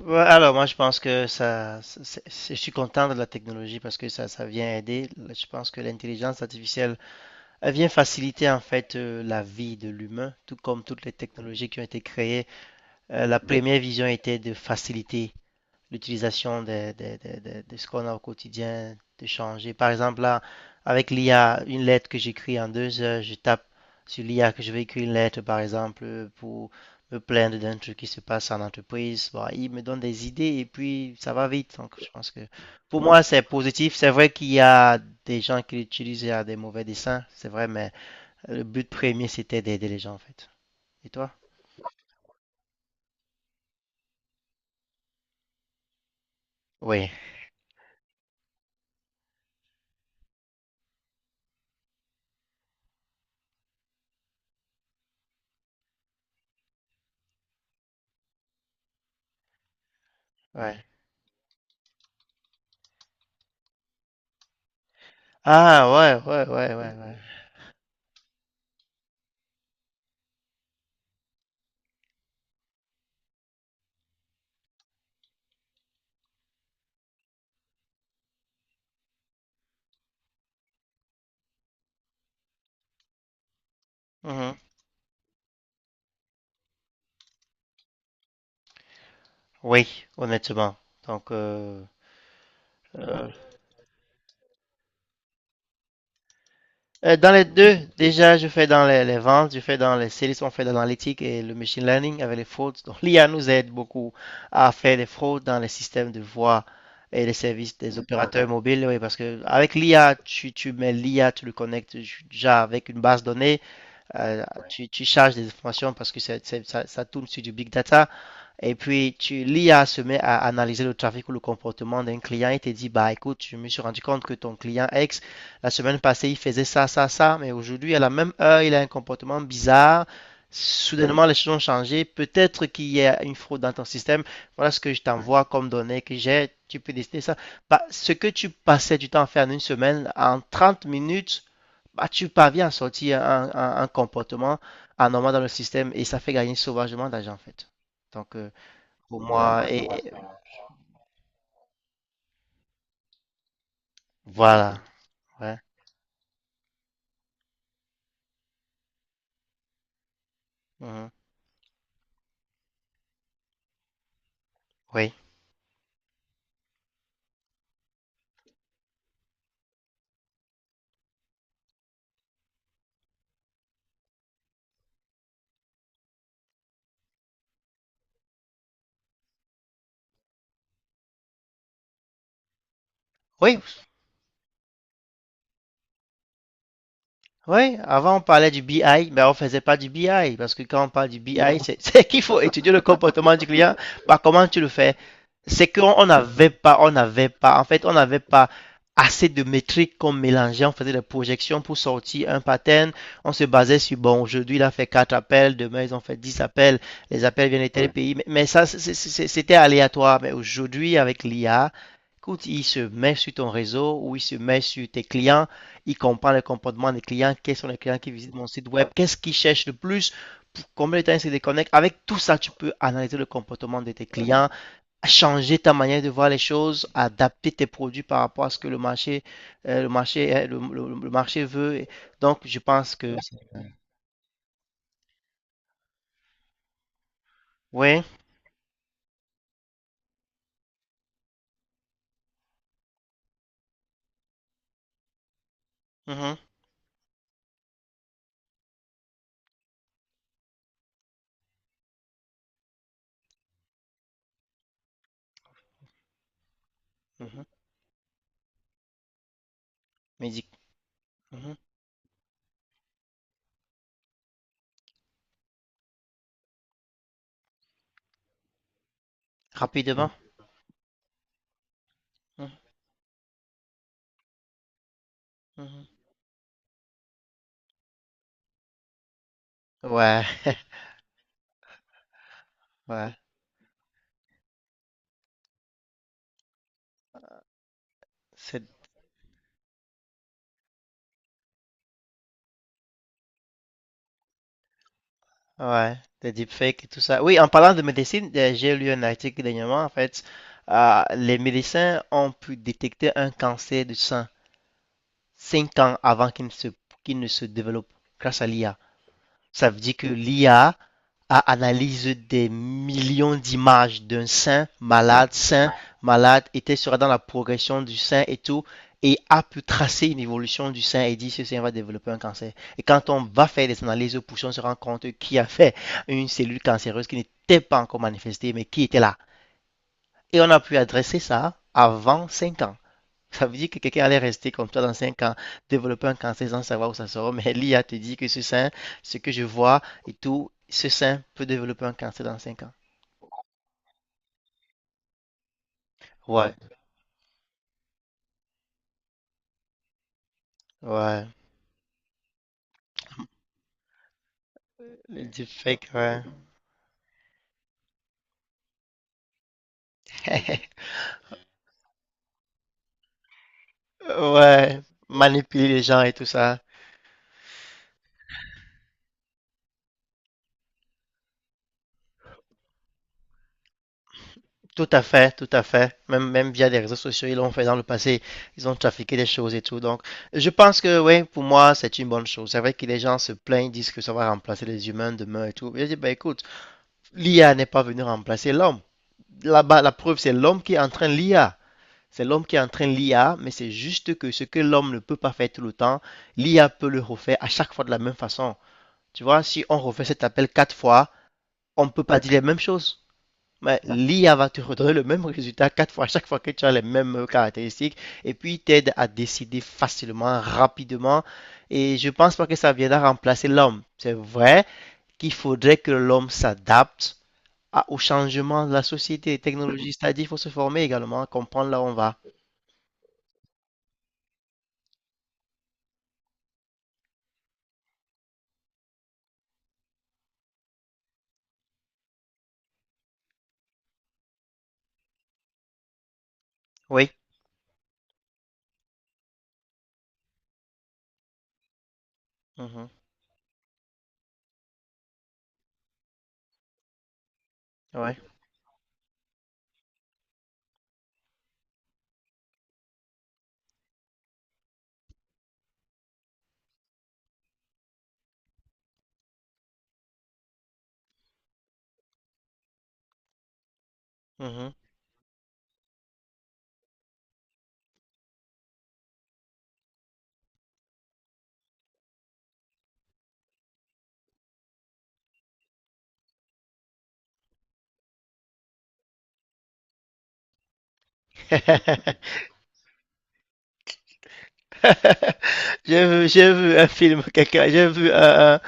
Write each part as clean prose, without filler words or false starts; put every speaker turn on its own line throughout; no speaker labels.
Ouais, alors, moi, je pense que ça, je suis content de la technologie parce que ça vient aider. Je pense que l'intelligence artificielle elle vient faciliter en fait la vie de l'humain, tout comme toutes les technologies qui ont été créées. La, oui, première vision était de faciliter l'utilisation de ce qu'on a au quotidien, de changer. Par exemple, là, avec l'IA, une lettre que j'écris en 2 heures, je tape sur l'IA que je vais écrire une lettre, par exemple, pour me plaindre d'un truc qui se passe en entreprise. Bon, il me donne des idées et puis ça va vite. Donc, je pense que pour moi, c'est positif. C'est vrai qu'il y a des gens qui l'utilisent à des mauvais desseins, c'est vrai, mais le but premier, c'était d'aider les gens, en fait. Et toi? Oui, ouais. Ah, ouais, ouais, ouais, ouais, ouais. Mhm. Oui, honnêtement. Donc, euh, euh, Dans les deux, déjà, je fais dans les ventes, je fais dans les services, on fait dans l'analytique et le machine learning avec les fraudes. Donc, l'IA nous aide beaucoup à faire des fraudes dans les systèmes de voix et les services des opérateurs mobiles. Oui, parce que avec l'IA, tu mets l'IA, tu le connectes déjà avec une base de données, euh, tu charges des informations parce que ça, ça tourne sur du big data. Et puis, tu, l'IA se met à analyser le trafic ou le comportement d'un client et te dit, bah écoute, je me suis rendu compte que ton client X, la semaine passée, il faisait ça, ça, ça, mais aujourd'hui, à la même heure, il a un comportement bizarre. Soudainement, les choses ont changé. Peut-être qu'il y a une fraude dans ton système. Voilà ce que je t'envoie comme données que j'ai. Tu peux décider ça. Bah, ce que tu passais du temps à faire en une semaine, en 30 minutes, bah, tu parviens à sortir un comportement anormal dans le système et ça fait gagner sauvagement d'argent, en fait. Donc, euh, pour moi. Et voilà. Ouais. Mhm. Oui. Oui, Oui, avant on parlait du BI, mais on faisait pas du BI, parce que quand on parle du BI, c'est c'est qu'il faut étudier le comportement du client. Bah, comment tu le fais? C'est qu'on n'avait pas, on n'avait pas, en fait, on n'avait pas assez de métriques qu'on mélangeait, on faisait des projections pour sortir un pattern, on se basait sur, bon, aujourd'hui, il a fait 4 appels, demain, ils ont fait 10 appels, les appels viennent de tel, ouais, pays, mais, ça, c'est- c'était aléatoire, mais aujourd'hui, avec l'IA, écoute, il se met sur ton réseau ou il se met sur tes clients, il comprend le comportement des clients, quels sont les clients qui visitent mon site web, qu'est-ce qu'ils cherchent le plus, pour combien de temps ils se déconnectent. Avec tout ça, tu peux analyser le comportement de tes clients, changer ta manière de voir les choses, adapter tes produits par rapport à ce que le marché, le marché veut. Et donc, je pense que oui. Mhm, mhm. Mais mhm. Rapidement. Mhm, mhm. Ouais, ouais. C'est Ouais, des deepfakes et tout ça. Oui, en parlant de médecine, j'ai lu un article dernièrement, en fait, les médecins ont pu détecter un cancer du sein 5 ans avant qu'il ne se développe grâce à l'IA. Ça veut dire que l'IA a analysé des millions d'images d'un sein malade, était sera dans la progression du sein et tout, et a pu tracer une évolution du sein et dit ce sein va développer un cancer. Et quand on va faire des analyses poussées, on se rend compte qui a fait une cellule cancéreuse qui n'était pas encore manifestée, mais qui était là. Et on a pu adresser ça avant 5 ans. Ça veut dire que quelqu'un allait rester comme toi dans 5 ans, développer un cancer sans savoir où ça sera. Mais l'IA te dit que ce sein, ce que je vois et tout, ce sein peut développer un cancer dans 5 ans. Ouais, ouais. Le deepfake, ouais. Ouais. Manipuler les gens et tout ça. Tout à fait, tout à fait. Même, même via les réseaux sociaux, ils l'ont fait dans le passé. Ils ont trafiqué des choses et tout. Donc, je pense que, oui, pour moi, c'est une bonne chose. C'est vrai que les gens se plaignent, disent que ça va remplacer les humains demain et tout. Je dis, bah écoute, l'IA n'est pas venue remplacer l'homme. Là-bas, la preuve, c'est l'homme qui entraîne l'IA. C'est l'homme qui entraîne l'IA, mais c'est juste que ce que l'homme ne peut pas faire tout le temps, l'IA peut le refaire à chaque fois de la même façon. Tu vois, si on refait cet appel quatre fois, on ne peut pas dire les mêmes choses. Mais l'IA va te redonner le même résultat quatre fois, à chaque fois que tu as les mêmes caractéristiques, et puis t'aide à décider facilement, rapidement. Et je pense pas que ça viendra remplacer l'homme. C'est vrai qu'il faudrait que l'homme s'adapte au changement de la société et technologie. C'est-à-dire, il faut se former également, comprendre là où on va. Oui. Mhm. Ouais. Mhm. J'ai vu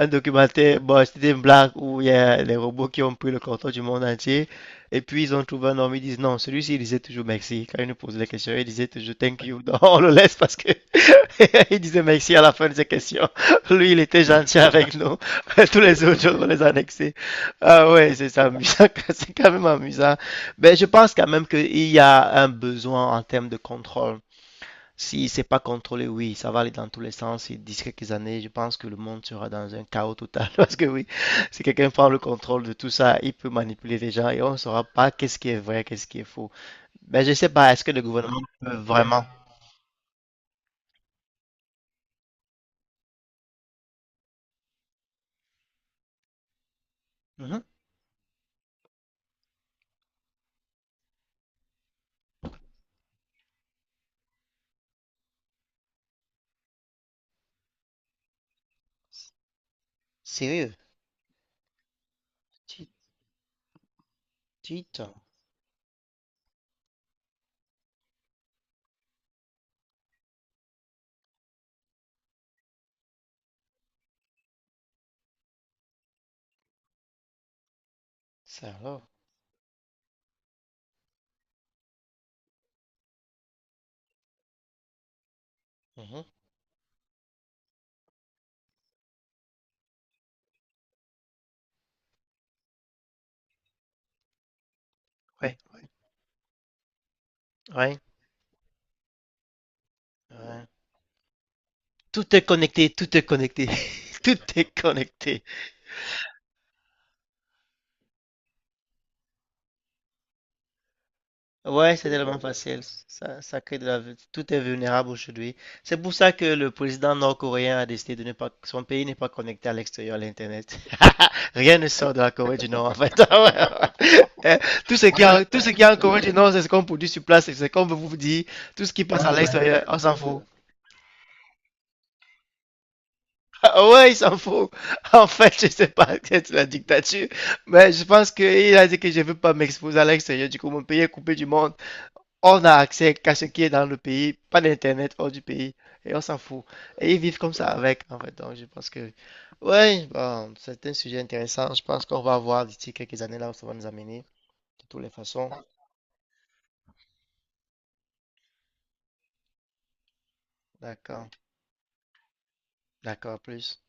un documentaire, bon, c'était une blague où il y a les robots qui ont pris le contrôle du monde entier, et puis ils ont trouvé un homme, ils disent non, celui-ci il disait toujours merci, quand ils nous posaient des questions, il disait toujours thank you, donc on le laisse parce que il disait merci à la fin de ses questions, lui il était gentil avec nous, tous les autres jours on les annexait, ah ouais, c'est ça, amusant, c'est quand même amusant, mais je pense quand même qu'il y a un besoin en termes de contrôle. Si c'est pas contrôlé, oui, ça va aller dans tous les sens. Et d'ici quelques années, je pense que le monde sera dans un chaos total. Parce que oui, si quelqu'un prend le contrôle de tout ça, il peut manipuler les gens et on ne saura pas qu'est-ce qui est vrai, qu'est-ce qui est faux. Mais je sais pas, est-ce que le gouvernement peut vraiment... Mhm. Sérieux? Dites, dites, ça alors. Mhm. Ouais, ouais, ouais. Tout est connecté, tout est connecté. Tout est connecté. Ouais, c'est tellement facile. Ça crée de la... Tout est vulnérable aujourd'hui. C'est pour ça que le président nord-coréen a décidé de ne pas... Son pays n'est pas connecté à l'extérieur, à l'Internet. Rien ne sort de la Corée du Nord, en fait. Eh, tout ce qui a... tout ce qui est en Corée du Nord, c'est ce qu'on produit sur place. Et c'est comme vous dit. Tout ce qui passe à l'extérieur, on s'en fout. Ah, ouais, il s'en fout. En fait, je sais pas, c'est la dictature. Mais je pense qu'il a dit que je veux pas m'exposer à l'extérieur. Du coup, mon pays est coupé du monde. On a accès qu'à ce qui est dans le pays, pas d'internet hors du pays, et on s'en fout. Et ils vivent comme ça avec, en fait. Donc, je pense que, ouais, bon, c'est un sujet intéressant. Je pense qu'on va voir d'ici quelques années là où ça va nous amener, de toutes les façons. D'accord, d'accord, à plus.